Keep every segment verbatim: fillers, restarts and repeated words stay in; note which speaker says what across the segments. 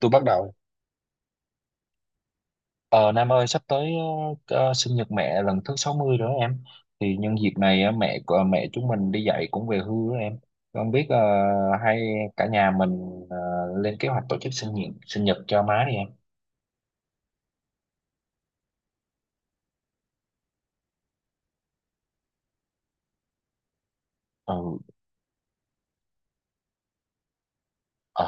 Speaker 1: Tôi bắt đầu. ờ Nam ơi, sắp tới ờ, ờ, sinh nhật mẹ lần thứ sáu mươi rồi đó em. Thì nhân dịp này ờ, mẹ của mẹ chúng mình đi dạy cũng về hưu đó em. Không biết ờ, hay cả nhà mình ờ, lên kế hoạch tổ chức sinh nhật sinh nhật cho má đi em? Ừ. Ờ.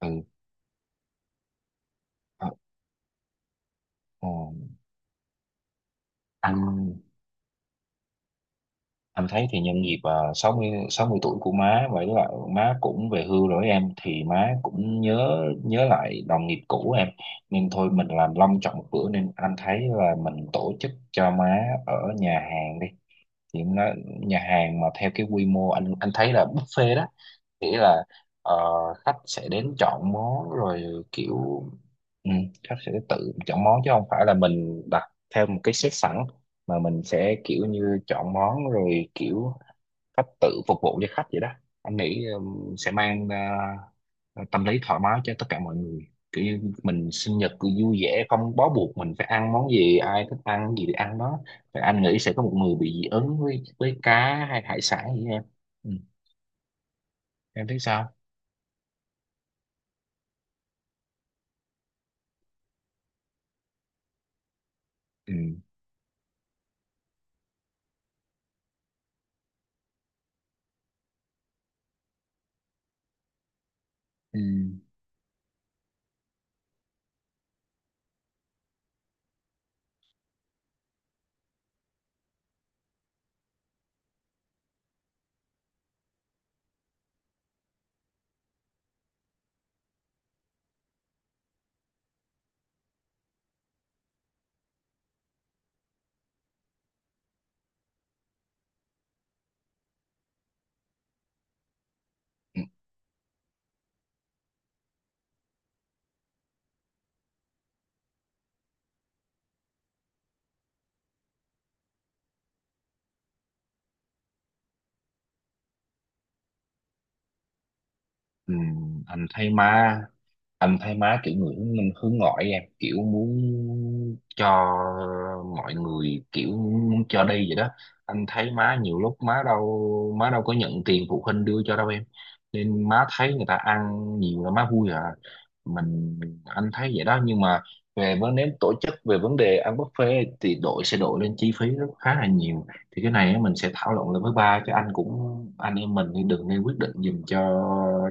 Speaker 1: Ừ, ờ, ừ. Ăn. Anh thấy thì nhân dịp uh, sáu mươi sáu mươi tuổi của má, vậy là má cũng về hưu rồi em, thì má cũng nhớ nhớ lại đồng nghiệp cũ em. Nên thôi mình làm long trọng một bữa, nên anh thấy là mình tổ chức cho má ở nhà hàng đi. Thì em nói nhà hàng mà theo cái quy mô, anh anh thấy là buffet đó. Nghĩa là ờ, khách sẽ đến chọn món rồi kiểu, ừ, khách sẽ tự chọn món chứ không phải là mình đặt theo một cái set sẵn, mà mình sẽ kiểu như chọn món rồi kiểu cách tự phục vụ cho khách vậy đó. Anh nghĩ um, sẽ mang ờ, tâm lý thoải mái cho tất cả mọi người, kiểu như mình sinh nhật cứ vui vẻ, không bó buộc mình phải ăn món gì, ai thích ăn gì thì ăn đó. Và anh nghĩ sẽ có một người bị dị ứng với với cá hay hải sản gì em. Ừ. Em thấy sao? Ừ. Ừ. Ừ, anh thấy má anh thấy má kiểu người hướng minh hướng ngoại em, kiểu muốn cho mọi người, kiểu muốn cho đi vậy đó. Anh thấy má nhiều lúc má đâu má đâu có nhận tiền phụ huynh đưa cho đâu em. Nên má thấy người ta ăn nhiều là má vui à. Mình, anh thấy vậy đó nhưng mà về vấn nếu tổ chức về vấn đề ăn buffet thì đội sẽ đội lên chi phí rất khá là nhiều. Thì cái này á, mình sẽ thảo luận lại với ba chứ, anh cũng anh em mình thì đừng nên quyết định giùm cho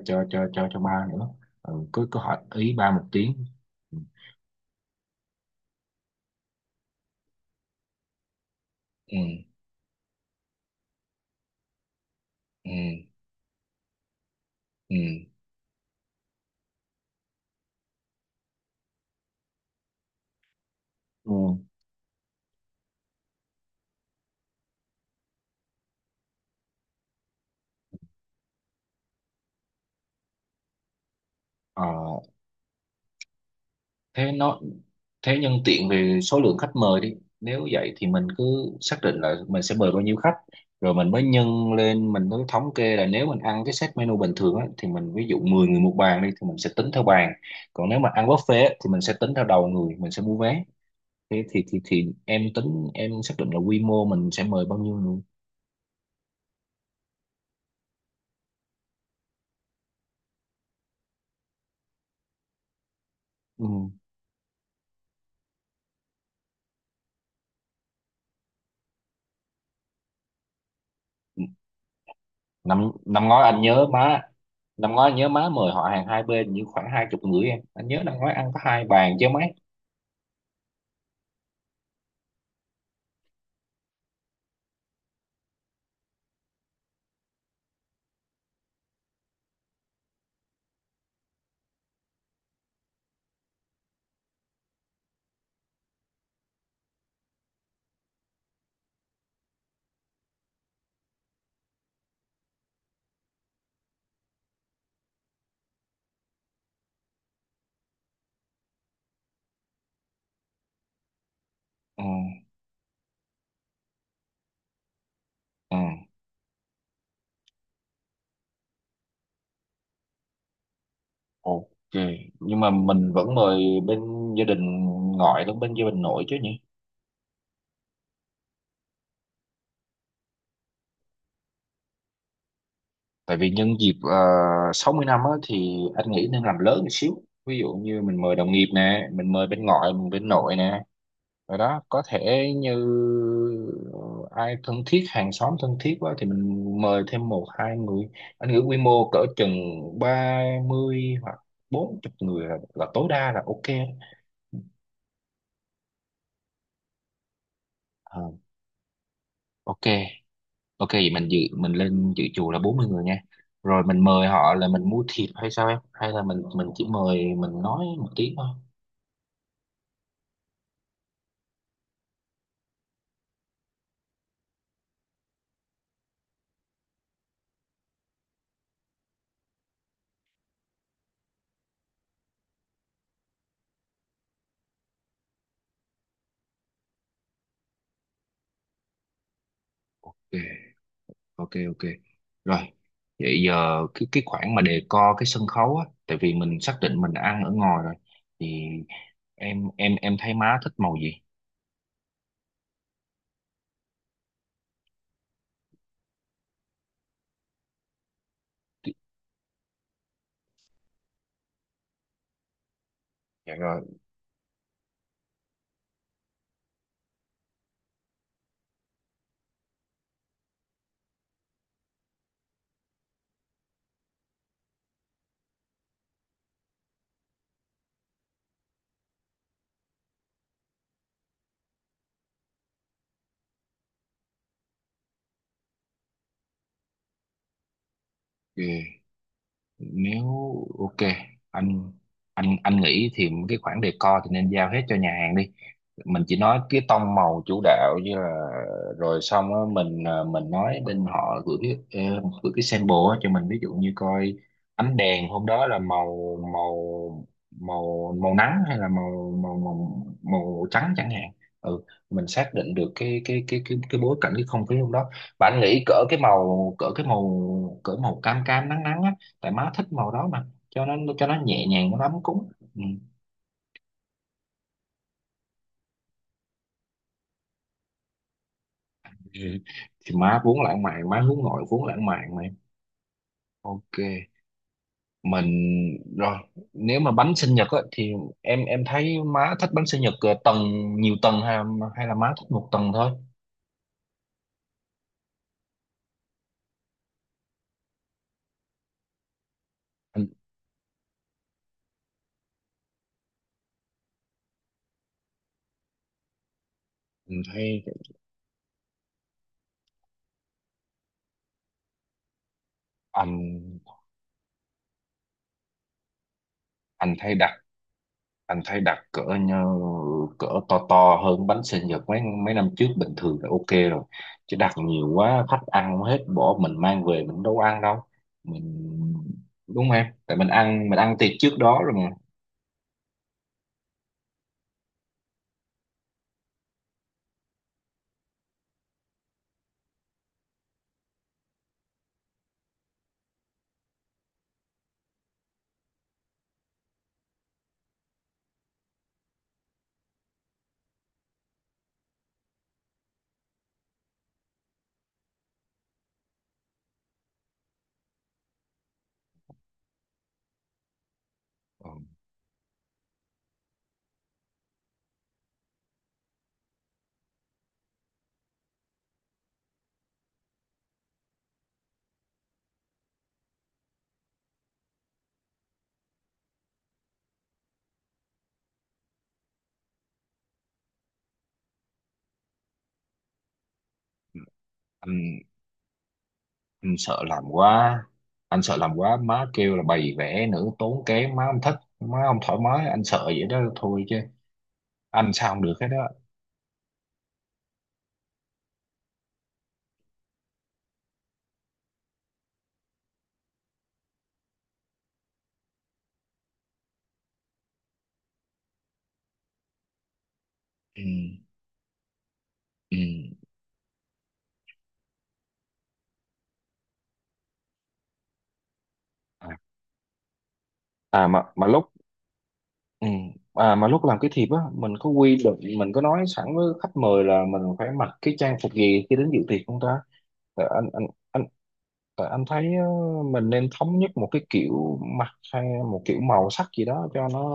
Speaker 1: cho cho cho cho ba nữa. Ừ, cứ cứ hỏi ý ba một tiếng. Ừ. Ừ, ừ, ừ. Ừ. Ờ, thế nó thế nhân tiện về số lượng khách mời đi. Nếu vậy thì mình cứ xác định là mình sẽ mời bao nhiêu khách, rồi mình mới nhân lên, mình mới thống kê là nếu mình ăn cái set menu bình thường á, thì mình ví dụ mười người một bàn đi thì mình sẽ tính theo bàn. Còn nếu mà ăn buffet á, thì mình sẽ tính theo đầu người, mình sẽ mua vé. Thế thì thì thì em tính, em xác định là quy mô mình sẽ mời bao nhiêu người. Ừ. năm năm ngoái anh nhớ má Năm ngoái anh nhớ má mời họ hàng hai bên như khoảng hai chục người em, anh nhớ năm ngoái ăn có hai bàn chứ mấy. Ừ. Ừ. Ok, nhưng mà mình vẫn mời bên gia đình ngoại lẫn bên gia đình nội chứ nhỉ? Tại vì nhân dịp uh, sáu mươi năm á, thì anh nghĩ nên làm lớn một xíu, ví dụ như mình mời đồng nghiệp nè, mình mời bên ngoại mình bên nội nè, rồi đó có thể như ờ, ai thân thiết, hàng xóm thân thiết quá thì mình mời thêm một hai người. Anh nghĩ quy mô cỡ chừng ba mươi hoặc bốn mươi người là, là tối đa là ok. Ờ, ok, ok, vậy mình dự mình lên dự chùa là bốn mươi người nha. Rồi mình mời họ là mình mua thiệp hay sao em, hay là mình mình chỉ mời, mình nói một tiếng thôi? Ok. Ok, ok. Rồi vậy giờ cái cái khoản mà đề co cái sân khấu á, tại vì mình xác định mình ăn ở ngoài rồi, thì em em em thấy má thích màu gì? Dạ rồi. Ừ, nếu ok anh, anh anh nghĩ thì cái khoản decor thì nên giao hết cho nhà hàng đi. Mình chỉ nói cái tông màu chủ đạo, như là rồi xong á, mình à, mình nói bên họ gửi, ờ, gửi cái sample á cho mình, ví dụ như coi ánh đèn hôm đó là màu màu màu màu nắng hay là màu màu màu, màu trắng chẳng hạn. Ừ. Mình xác định được cái cái cái cái cái bối cảnh, cái không khí hôm đó. Bạn nghĩ cỡ cái màu cỡ cái màu cỡ màu cam cam nắng nắng á, tại má thích màu đó mà, cho nó cho nó nhẹ nhàng, nó ấm cúng. Ừ. Ừ. Thì má vốn lãng mạn, má hướng nội vốn lãng mạn mà em. Ok. Mình, rồi nếu mà bánh sinh nhật á, thì em em thấy má thích bánh sinh nhật ờ, tầng nhiều tầng, hay, hay là má thích một tầng thôi? Anh, anh thấy anh anh thấy đặt anh thấy đặt cỡ như, cỡ to to hơn bánh sinh nhật mấy mấy năm trước bình thường là ok rồi. Chứ đặt nhiều quá khách ăn hết, bỏ mình mang về mình đâu ăn đâu. mình Đúng không em, tại mình ăn mình ăn tiệc trước đó rồi mà. Ờ. anh anh sợ làm quá anh sợ làm quá má kêu là bày vẽ nữa, tốn kém má không thích, má không thoải mái, anh sợ vậy đó thôi chứ anh sao không được hết đó. Ừ, ừ. À. à mà mà lúc Ừ. À mà lúc làm cái thiệp á, mình có quy định, mình có nói sẵn với khách mời là mình phải mặc cái trang phục gì khi đến dự tiệc không ta? Tại anh anh anh tại anh thấy ờ, mình nên thống nhất một cái kiểu mặt, hay một kiểu màu sắc gì đó cho nó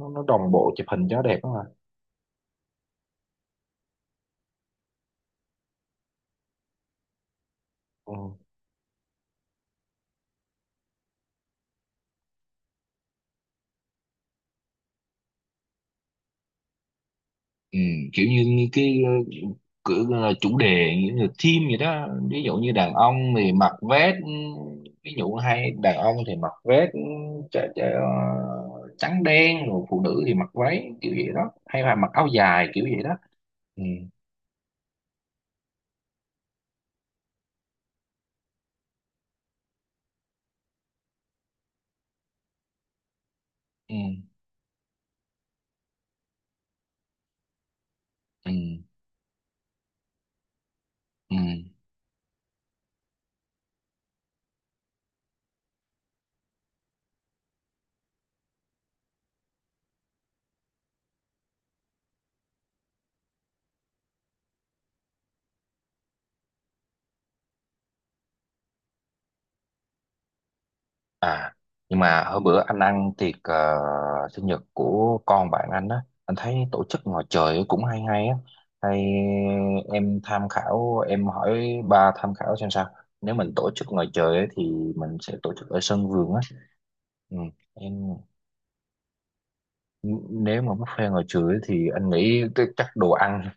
Speaker 1: nó, nó đồng bộ chụp hình cho đẹp đó mà. Ừ. Ừ, kiểu như, như cái ờ, cử, ờ, chủ đề, như là theme vậy đó, ví dụ như đàn ông thì mặc vest, ừ, ví dụ hay đàn ông thì mặc vest, ừ, chả- chả, ờ, trắng đen, rồi phụ nữ thì mặc váy kiểu vậy đó, hay là mặc áo dài kiểu vậy đó. Ừ, ừ, ừ, ừ. À, nhưng mà hôm bữa anh ăn tiệc ờ, sinh nhật của con bạn anh á, anh thấy tổ chức ngoài trời cũng hay hay á. Hay em tham khảo, em hỏi ba tham khảo xem sao. Nếu mình tổ chức ngoài trời ấy, thì mình sẽ tổ chức ở sân vườn á. Ừ, em n- nếu mà buffet ngoài trời ấy, thì anh nghĩ t- chắc đồ ăn,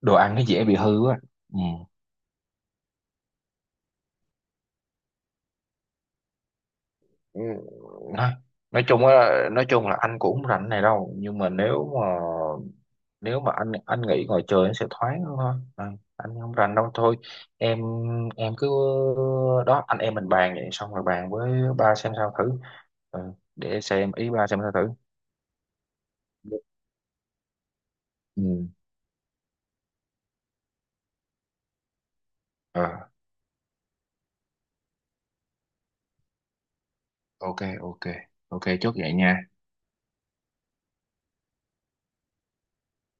Speaker 1: đồ ăn nó dễ bị hư á. Ừ. Ừ, Nói, nói chung á, nói chung là anh cũng không rảnh này đâu, nhưng mà nếu mà nếu mà anh anh nghĩ ngoài trời nó sẽ thoáng hơn thôi à, anh không rành đâu thôi em em cứ đó anh em mình bàn vậy xong rồi bàn với ba xem sao thử. Ừ, để xem ý ba xem sao thử. Ừ. Ờ, ok, ok, ok, chốt vậy nha.